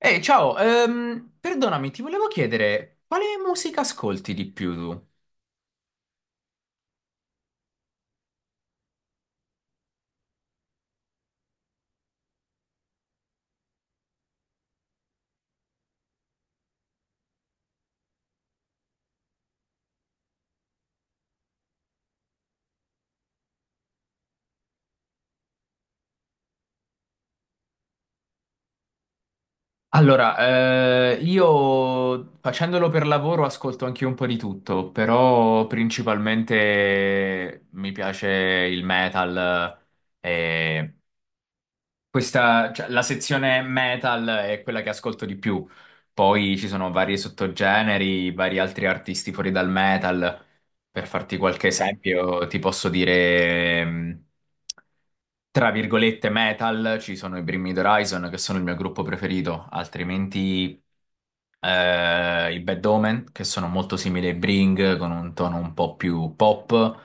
Ehi, ciao, perdonami, ti volevo chiedere quale musica ascolti di più tu? Allora, io facendolo per lavoro ascolto anche un po' di tutto, però principalmente mi piace il metal, eh, e questa, cioè, la sezione metal è quella che ascolto di più. Poi ci sono vari sottogeneri, vari altri artisti fuori dal metal. Per farti qualche, beh, esempio, ti posso dire, tra virgolette, metal, ci sono i Bring Me The Horizon, che sono il mio gruppo preferito. Altrimenti i Bad Omen, che sono molto simili ai Bring, con un tono un po' più pop.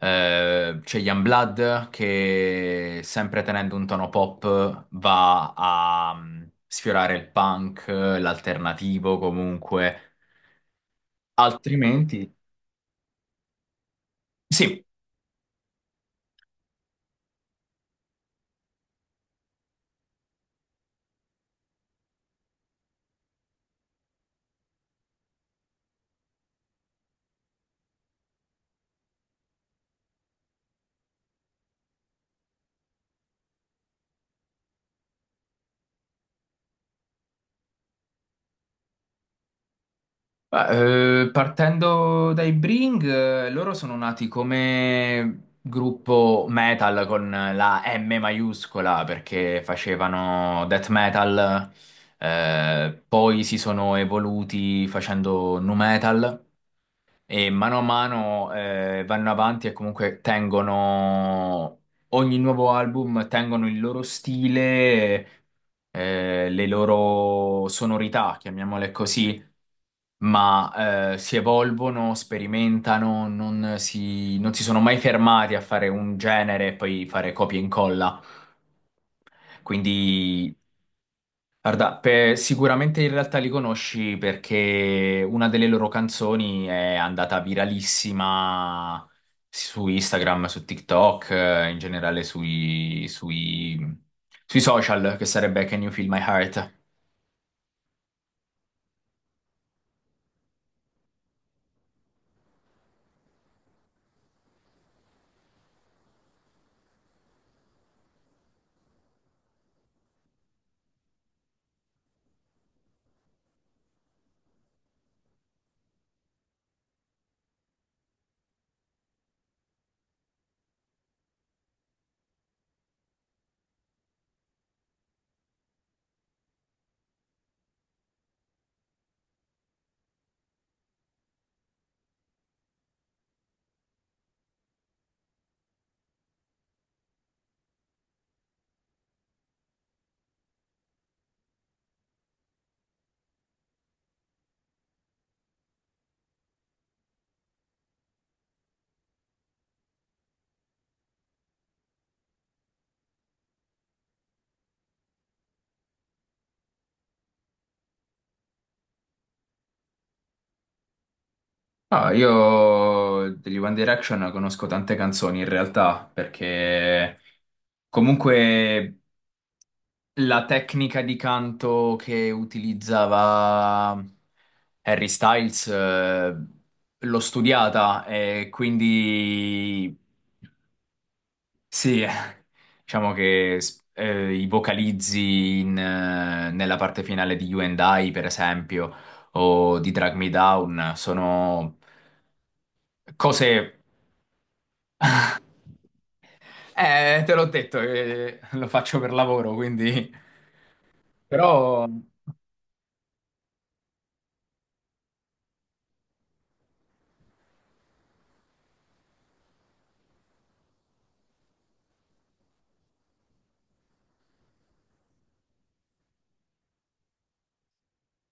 C'è Youngblood che, sempre tenendo un tono pop, va a sfiorare il punk, l'alternativo comunque. Altrimenti, sì, partendo dai Bring, loro sono nati come gruppo metal con la M maiuscola, perché facevano death metal, poi si sono evoluti facendo nu metal. E mano a mano vanno avanti e comunque tengono, ogni nuovo album, tengono il loro stile, le loro sonorità, chiamiamole così, ma si evolvono, sperimentano, non si sono mai fermati a fare un genere e poi fare copia e incolla. Quindi. Guarda, sicuramente in realtà li conosci, perché una delle loro canzoni è andata viralissima su Instagram, su TikTok, in generale sui social, che sarebbe Can You Feel My Heart? Ah, io degli One Direction conosco tante canzoni in realtà, perché comunque la tecnica di canto che utilizzava Harry Styles, l'ho studiata, e quindi sì, diciamo che i vocalizzi in, nella parte finale di You and I, per esempio, o di Drag Me Down, sono cose... te l'ho detto, lo faccio per lavoro, quindi... Però...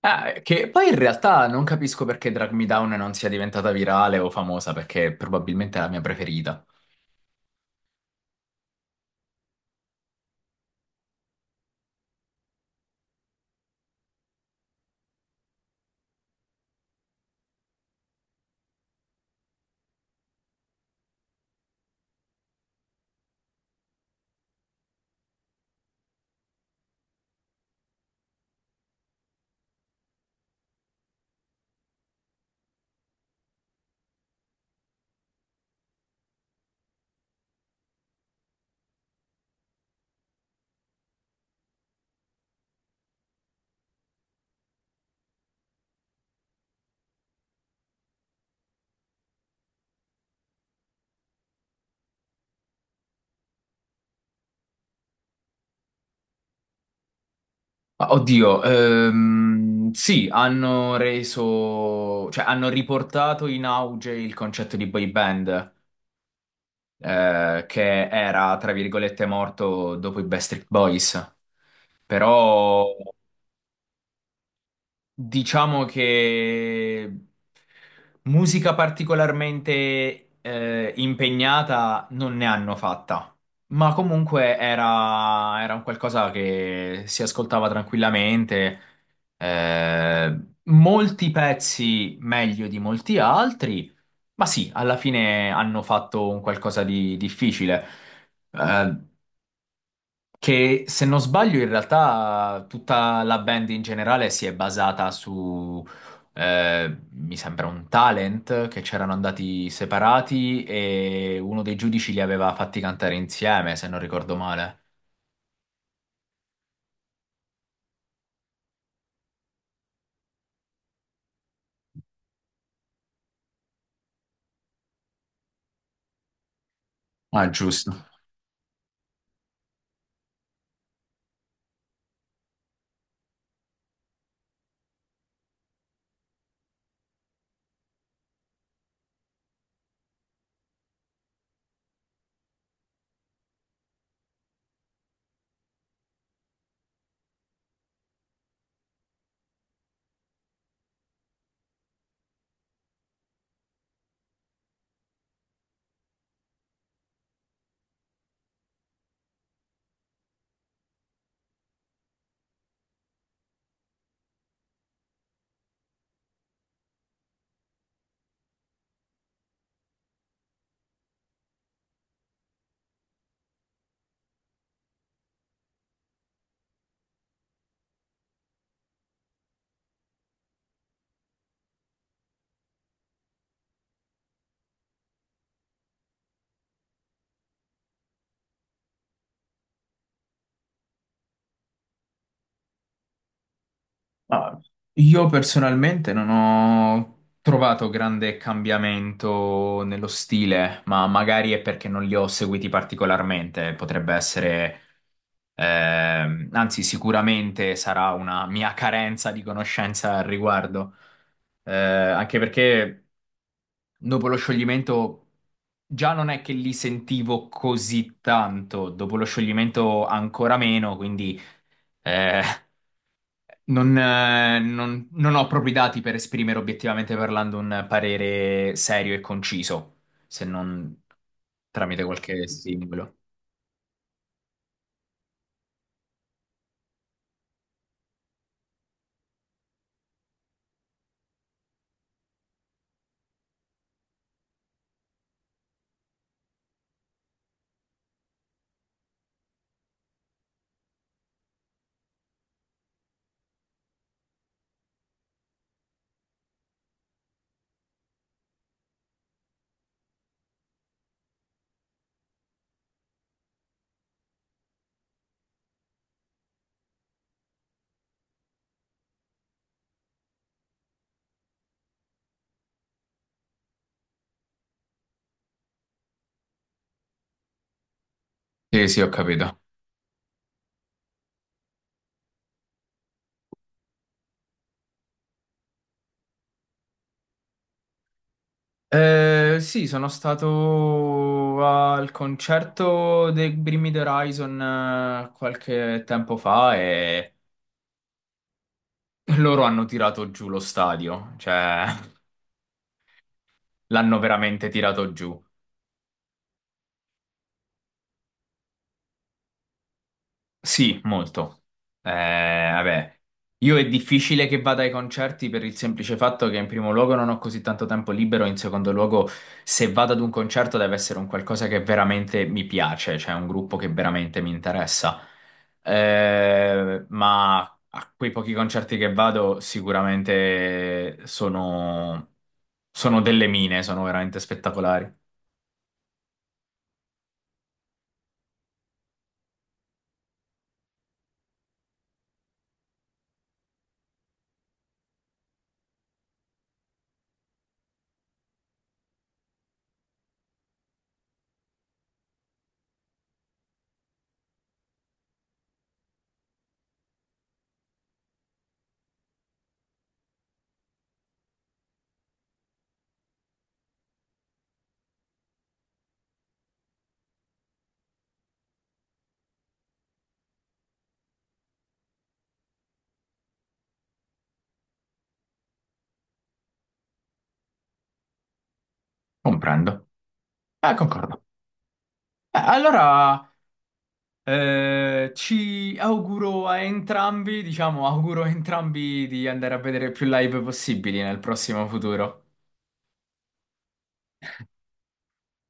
Che poi in realtà non capisco perché Drag Me Down non sia diventata virale o famosa, perché probabilmente è la mia preferita. Ma oddio, sì, hanno reso, cioè hanno riportato in auge il concetto di boy band, che era, tra virgolette, morto dopo i Backstreet Boys. Però diciamo che musica particolarmente impegnata non ne hanno fatta, ma comunque era un qualcosa che si ascoltava tranquillamente. Eh, molti pezzi meglio di molti altri, ma sì, alla fine hanno fatto un qualcosa di difficile. Eh, che se non sbaglio, in realtà tutta la band in generale si è basata su, mi sembra, un talent che c'erano andati separati e uno dei giudici li aveva fatti cantare insieme, se non ricordo male. Ah, giusto. Ah, io personalmente non ho trovato grande cambiamento nello stile, ma magari è perché non li ho seguiti particolarmente. Potrebbe essere, anzi, sicuramente sarà una mia carenza di conoscenza al riguardo. Anche perché dopo lo scioglimento già non è che li sentivo così tanto, dopo lo scioglimento ancora meno, quindi. Eh, non ho proprio i dati per esprimere, obiettivamente parlando, un parere serio e conciso, se non tramite qualche stimolo. Sì, sì, ho capito. Sì, sono stato al concerto dei Bring Me the Horizon qualche tempo fa, e loro hanno tirato giù lo stadio, cioè l'hanno veramente tirato giù. Sì, molto. Eh, vabbè, io è difficile che vada ai concerti, per il semplice fatto che in primo luogo non ho così tanto tempo libero, in secondo luogo se vado ad un concerto deve essere un qualcosa che veramente mi piace, cioè un gruppo che veramente mi interessa. Ma a quei pochi concerti che vado sicuramente sono delle mine, sono veramente spettacolari. Comprendo. Concordo. Allora... ci auguro a entrambi, diciamo, auguro a entrambi di andare a vedere più live possibili nel prossimo futuro.